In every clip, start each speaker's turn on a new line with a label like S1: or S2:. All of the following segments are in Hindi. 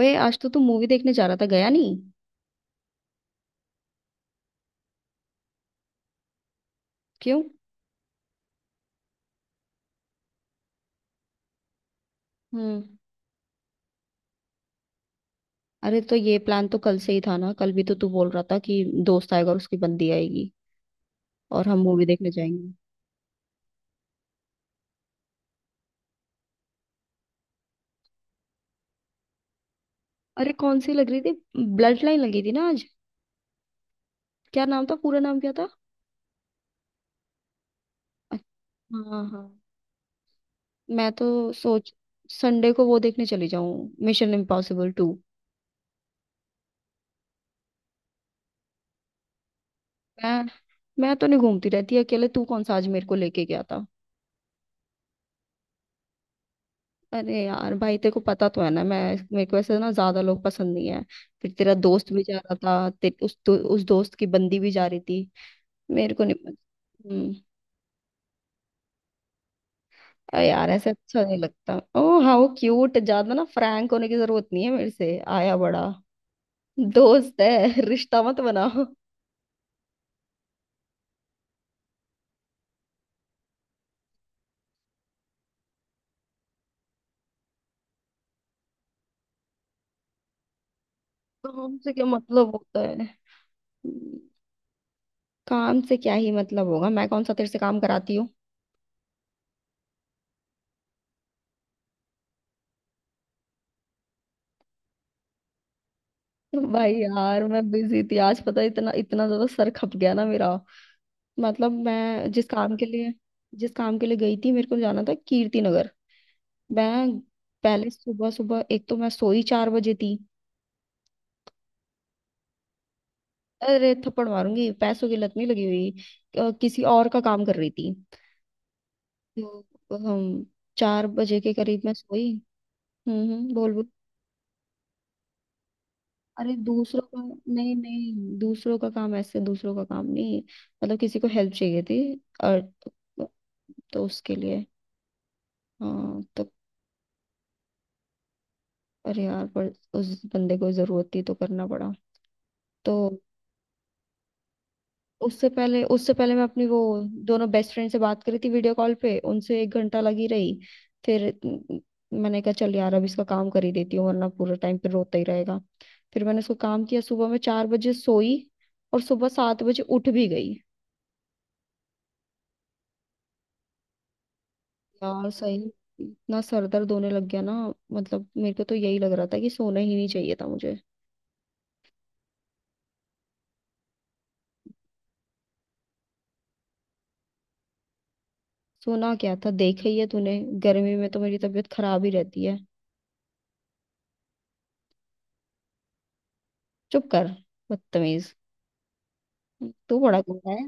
S1: ओए, आज तो तू मूवी देखने जा रहा था, गया नहीं? क्यों? हम्म। अरे तो ये प्लान तो कल से ही था ना, कल भी तो तू बोल रहा था कि दोस्त आएगा और उसकी बंदी आएगी और हम मूवी देखने जाएंगे। अरे कौन सी लग रही थी? ब्लड लाइन लगी थी ना आज? क्या नाम था, पूरा नाम क्या था? अच्छा, हाँ हाँ। मैं तो सोच, संडे को वो देखने चली जाऊं, मिशन इम्पॉसिबल टू। मैं मैं तो नहीं घूमती रहती अकेले, तू कौन सा आज मेरे को लेके गया था? अरे यार भाई, तेरे को पता तो है ना, मैं, मेरे को ऐसे ना, ज्यादा लोग पसंद नहीं है। फिर तेरा दोस्त भी जा रहा था, उस दोस्त की बंदी भी जा रही थी। मेरे को नहीं पसंद। हम्म। अरे यार ऐसे अच्छा नहीं लगता, ओ हाउ क्यूट, ज्यादा ना फ्रैंक होने की जरूरत नहीं है मेरे से, आया बड़ा दोस्त है रिश्ता मत बनाओ। काम से क्या मतलब होता है? हम्म। काम से क्या ही मतलब होगा, मैं कौन सा तेरे से काम कराती हूँ? भाई यार, मैं बिजी थी आज, पता है, इतना इतना ज्यादा सर खप गया ना मेरा। मतलब मैं जिस काम के लिए, जिस काम के लिए गई थी, मेरे को जाना था कीर्ति नगर। मैं, पहले सुबह सुबह, एक तो मैं सोई 4 बजे थी। अरे थप्पड़ मारूंगी, पैसों की लत नहीं लगी हुई। किसी और का काम कर रही थी। तो हम, 4 बजे के करीब मैं सोई। बोल बोल। अरे दूसरों का, नहीं नहीं, दूसरों का काम, ऐसे दूसरों का काम नहीं, मतलब किसी को हेल्प चाहिए थी। और, तो उसके लिए, हाँ तो, अरे यार पर, उस बंदे को जरूरत थी तो करना पड़ा। तो, उससे पहले मैं अपनी वो, दोनों बेस्ट फ्रेंड से बात करी थी, वीडियो कॉल पे उनसे 1 घंटा लगी रही। फिर न- मैंने कहा चल यार अब इसका काम कर ही देती हूँ, वरना पूरा टाइम पे रोता ही रहेगा। फिर मैंने उसको काम किया, सुबह में 4 बजे सोई और सुबह 7 बजे उठ भी गई। यार सही में इतना सर दर्द होने लग गया ना। मतलब मेरे को तो यही लग रहा था कि सोना ही नहीं चाहिए था मुझे। सोना क्या था, देखा ही है तूने, गर्मी में तो मेरी तबीयत खराब ही रहती है। चुप कर, बदतमीज। तू बड़ा गंदा है।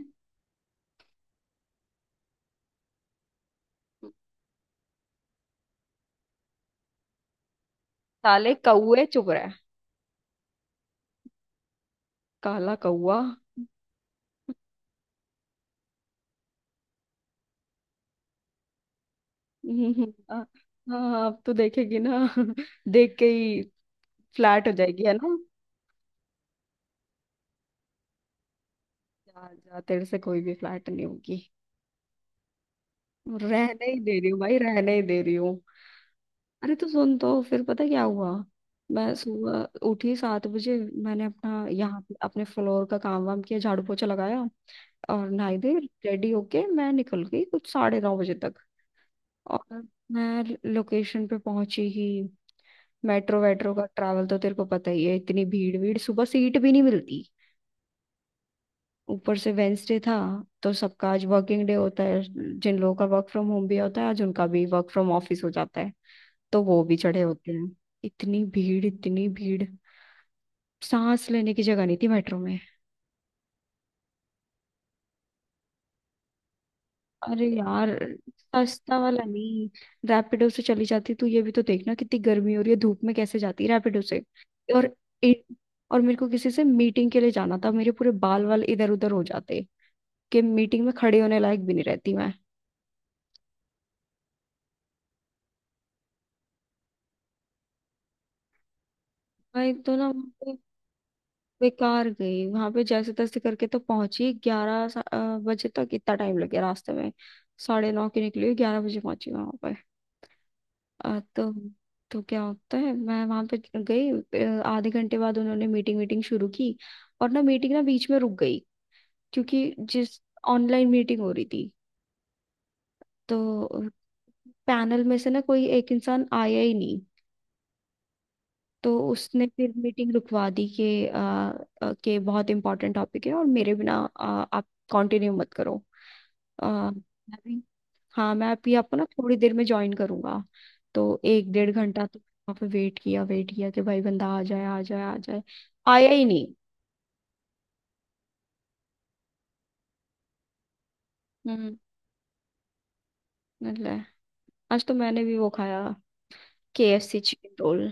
S1: साले कौए चुप रहे, काला कौआ। हम्म, हाँ। हाँ, अब तो देखेगी ना देख के ही फ्लैट हो जाएगी है ना। जा जा, तेरे से कोई भी फ्लैट नहीं होगी। रहने ही दे रही हूँ भाई, रहने ही दे रही हूँ। अरे तो सुन, तो फिर पता क्या हुआ। मैं सुबह उठी 7 बजे, मैंने अपना यहाँ पे अपने फ्लोर का काम वाम किया, झाड़ू पोछा लगाया और नहाई धोई, रेडी होके मैं निकल गई कुछ 9:30 बजे तक। और मैं लोकेशन पे पहुंची ही, मेट्रो वेट्रो का ट्रैवल तो तेरे को पता ही है, इतनी भीड़ भीड़ सुबह, सीट भी नहीं मिलती। ऊपर से वेंसडे था, तो सबका आज वर्किंग डे होता है। जिन लोगों का वर्क फ्रॉम होम भी होता है, आज उनका भी वर्क फ्रॉम ऑफिस हो जाता है, तो वो भी चढ़े होते हैं। इतनी भीड़ इतनी भीड़, सांस लेने की जगह नहीं थी मेट्रो में। अरे यार, सस्ता वाला नहीं, रैपिडो से चली जाती, तू ये भी तो देखना कितनी गर्मी हो रही है, धूप में कैसे जाती रैपिडो से। और, ए- और मेरे को किसी से मीटिंग के लिए जाना था, मेरे पूरे बाल वाल इधर उधर हो जाते कि मीटिंग में खड़े होने लायक भी नहीं रहती मैं। भाई तो ना वहाँ पे, बेकार गई, वहां पे जैसे तैसे करके तो पहुंची बजे तक, इतना टाइम लग गया रास्ते में। साढ़े नौ की निकली, 11 बजे पहुंची वहां पे। अ, तो तो क्या होता है, मैं वहां पे गई, आधे घंटे बाद उन्होंने मीटिंग वीटिंग शुरू की। और ना मीटिंग ना बीच में रुक गई, क्योंकि जिस, ऑनलाइन मीटिंग हो रही थी तो पैनल में से ना कोई एक इंसान आया ही नहीं। तो उसने फिर मीटिंग रुकवा दी कि आ, आ, कि बहुत इंपॉर्टेंट टॉपिक है और मेरे बिना आप कंटिन्यू मत करो। आ, मैं भी- हाँ, मैं अभी आपको ना थोड़ी देर में ज्वाइन करूंगा। तो 1 डेढ़ घंटा तो वहाँ पे वेट किया, वेट किया कि भाई बंदा आ जाए आ जाए आ जाए। आया ही नहीं। हम्म। मतलब आज तो मैंने भी वो खाया, KFC चिकन रोल।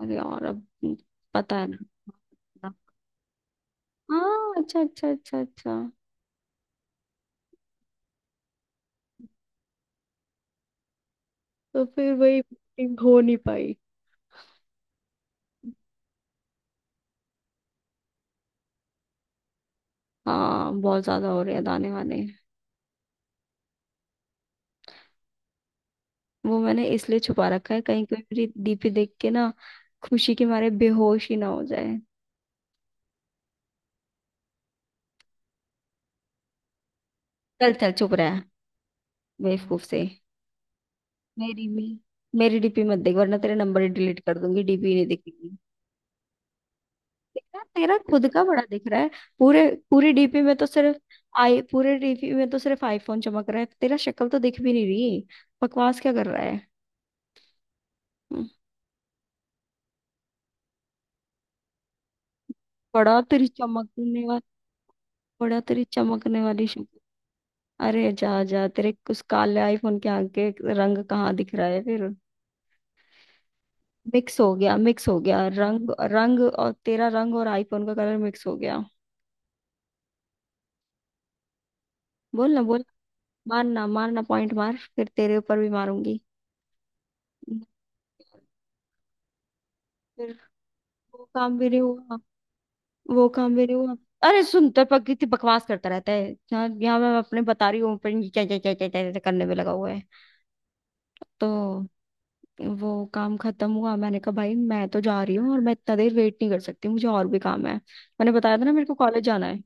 S1: अरे यार अब, पता है ना। हाँ अच्छा अच्छा अच्छा अच्छा। तो फिर वही meeting हो नहीं पाई। हाँ बहुत ज्यादा हो रहे हैं दाने वाने। वो मैंने इसलिए छुपा रखा है, कहीं कोई मेरी डीपी देख के ना खुशी के मारे बेहोश ही ना हो जाए। चल चल चुप रहा है, बेवकूफ से। मेरी भी मेरी डीपी मत देख, वरना तेरा नंबर ही डिलीट कर दूंगी, डीपी नहीं दिखेगी। तेरा तेरा खुद का बड़ा दिख रहा है। पूरे पूरी डीपी में तो सिर्फ आई पूरे डीपी में तो सिर्फ आईफोन चमक रहा है, तेरा शक्ल तो दिख भी नहीं रही। बकवास क्या कर रहा है? हम्म। बड़ा तेरी चमकने वाली बड़ा तेरी चमकने वाली। अरे जा जा, तेरे उस काले आईफोन के आगे रंग कहाँ दिख रहा है फिर? मिक्स हो गया रंग रंग और तेरा रंग और आईफोन का कलर मिक्स हो गया। बोल ना बोल। मारना मारना पॉइंट मार, फिर तेरे ऊपर भी मारूंगी। फिर वो काम भी नहीं हुआ वो काम भी नहीं हुआ। अरे सुन, तेरे पर कितनी बकवास करता रहता है, यहाँ यहाँ मैं अपने बता रही हूँ, पर ये क्या क्या क्या क्या क्या क्या करने में लगा हुआ है। तो वो काम खत्म हुआ, मैंने कहा भाई मैं तो जा रही हूँ, और मैं इतना देर वेट नहीं कर सकती, मुझे और भी काम है, मैंने बताया था ना मेरे को कॉलेज जाना है।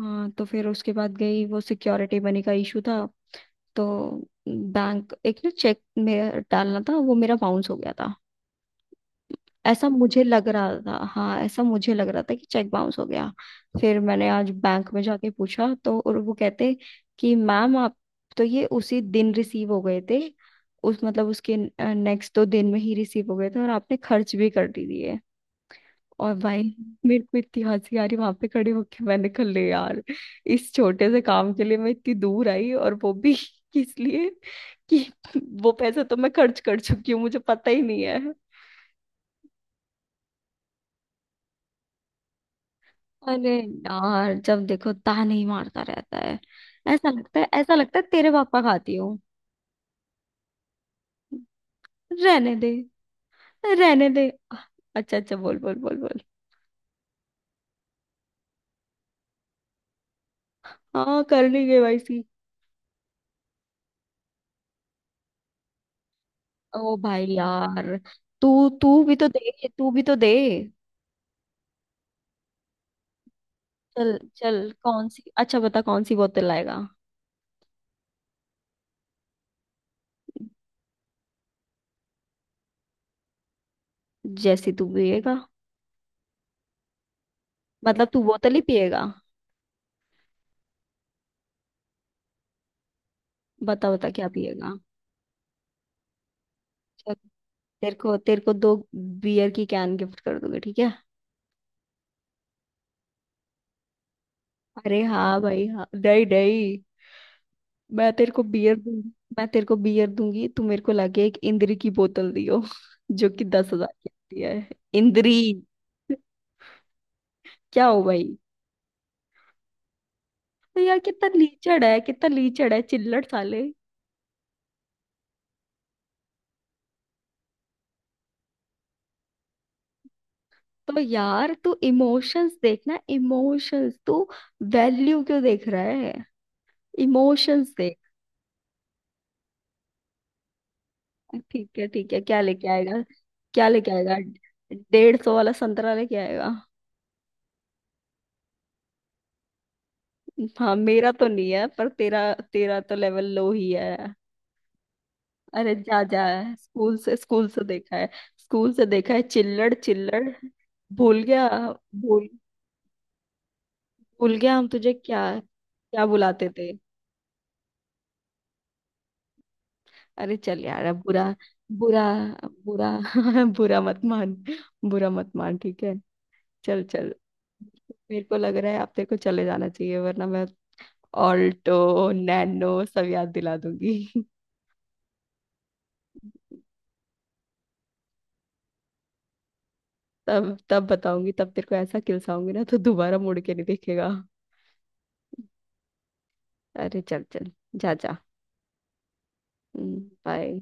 S1: हाँ, तो फिर उसके बाद गई, वो सिक्योरिटी मनी का इशू था। तो बैंक, एक ना चेक में डालना था, वो मेरा बाउंस हो गया था, ऐसा मुझे लग रहा था। हाँ ऐसा मुझे लग रहा था कि चेक बाउंस हो गया। फिर मैंने आज बैंक में जाके पूछा तो, और वो कहते कि मैम आप, तो ये उसी दिन रिसीव हो गए थे, उस मतलब उसके नेक्स्ट 2 दिन में ही रिसीव हो गए थे और आपने खर्च भी कर दी दिए। और भाई मेरे को इतनी हंसी आ रही, वहां पे खड़े होके मैंने कहा ले यार, इस छोटे से काम के लिए मैं इतनी दूर आई, और वो भी इसलिए कि वो पैसा तो मैं खर्च कर चुकी हूँ, मुझे पता ही नहीं है। अरे यार जब देखो ताने ही मारता रहता है। ऐसा लगता है तेरे पापा खाती हूँ। रहने दे, रहने दे। अच्छा अच्छा, बोल बोल बोल बोल। हाँ कर ली केवाईसी। ओ भाई यार, तू तू भी तो दे, तू भी तो दे। चल चल, कौन सी, अच्छा बता कौन सी बोतल लाएगा? जैसी तू पिएगा। मतलब तू बोतल ही पिएगा? बता बता क्या पिएगा। चल, तेरे को 2 बियर की कैन गिफ्ट कर दूंगी, ठीक है? अरे हाँ भाई हाँ, नहीं नहीं। मैं तेरे को बियर दूंगी मैं तेरे को बियर दूंगी, तू मेरे को लाके एक इंद्री की बोतल दियो जो कि 10,000 की आती है। इंद्री? क्या हो भाई? तो यार कितना लीचड़ है, कितना लीचड़ है, चिल्लड़ साले। तो यार तू इमोशंस देखना, इमोशंस, तू वैल्यू क्यों देख रहा है, इमोशंस देख। ठीक है ठीक है, क्या लेके आएगा? क्या लेके आएगा 150 वाला संतरा लेके आएगा? हाँ मेरा तो नहीं है, पर तेरा, तेरा तो लेवल लो ही है। अरे जा जा, स्कूल से देखा है, स्कूल से देखा है, चिल्लड़ चिल्लड़। भूल गया, भूल भूल गया हम तुझे क्या, क्या बुलाते थे? अरे चल यार, अब बुरा, बुरा बुरा बुरा मत मान, बुरा मत मान, ठीक है। चल चल। मेरे को लग रहा है आप तेरे को चले जाना चाहिए, वरना मैं ऑल्टो नैनो सब याद दिला दूंगी तब तब बताऊंगी, तब तेरे को ऐसा किलसाऊंगी ना तो दोबारा मुड़ के नहीं देखेगा। अरे चल चल, जा जा, बाय।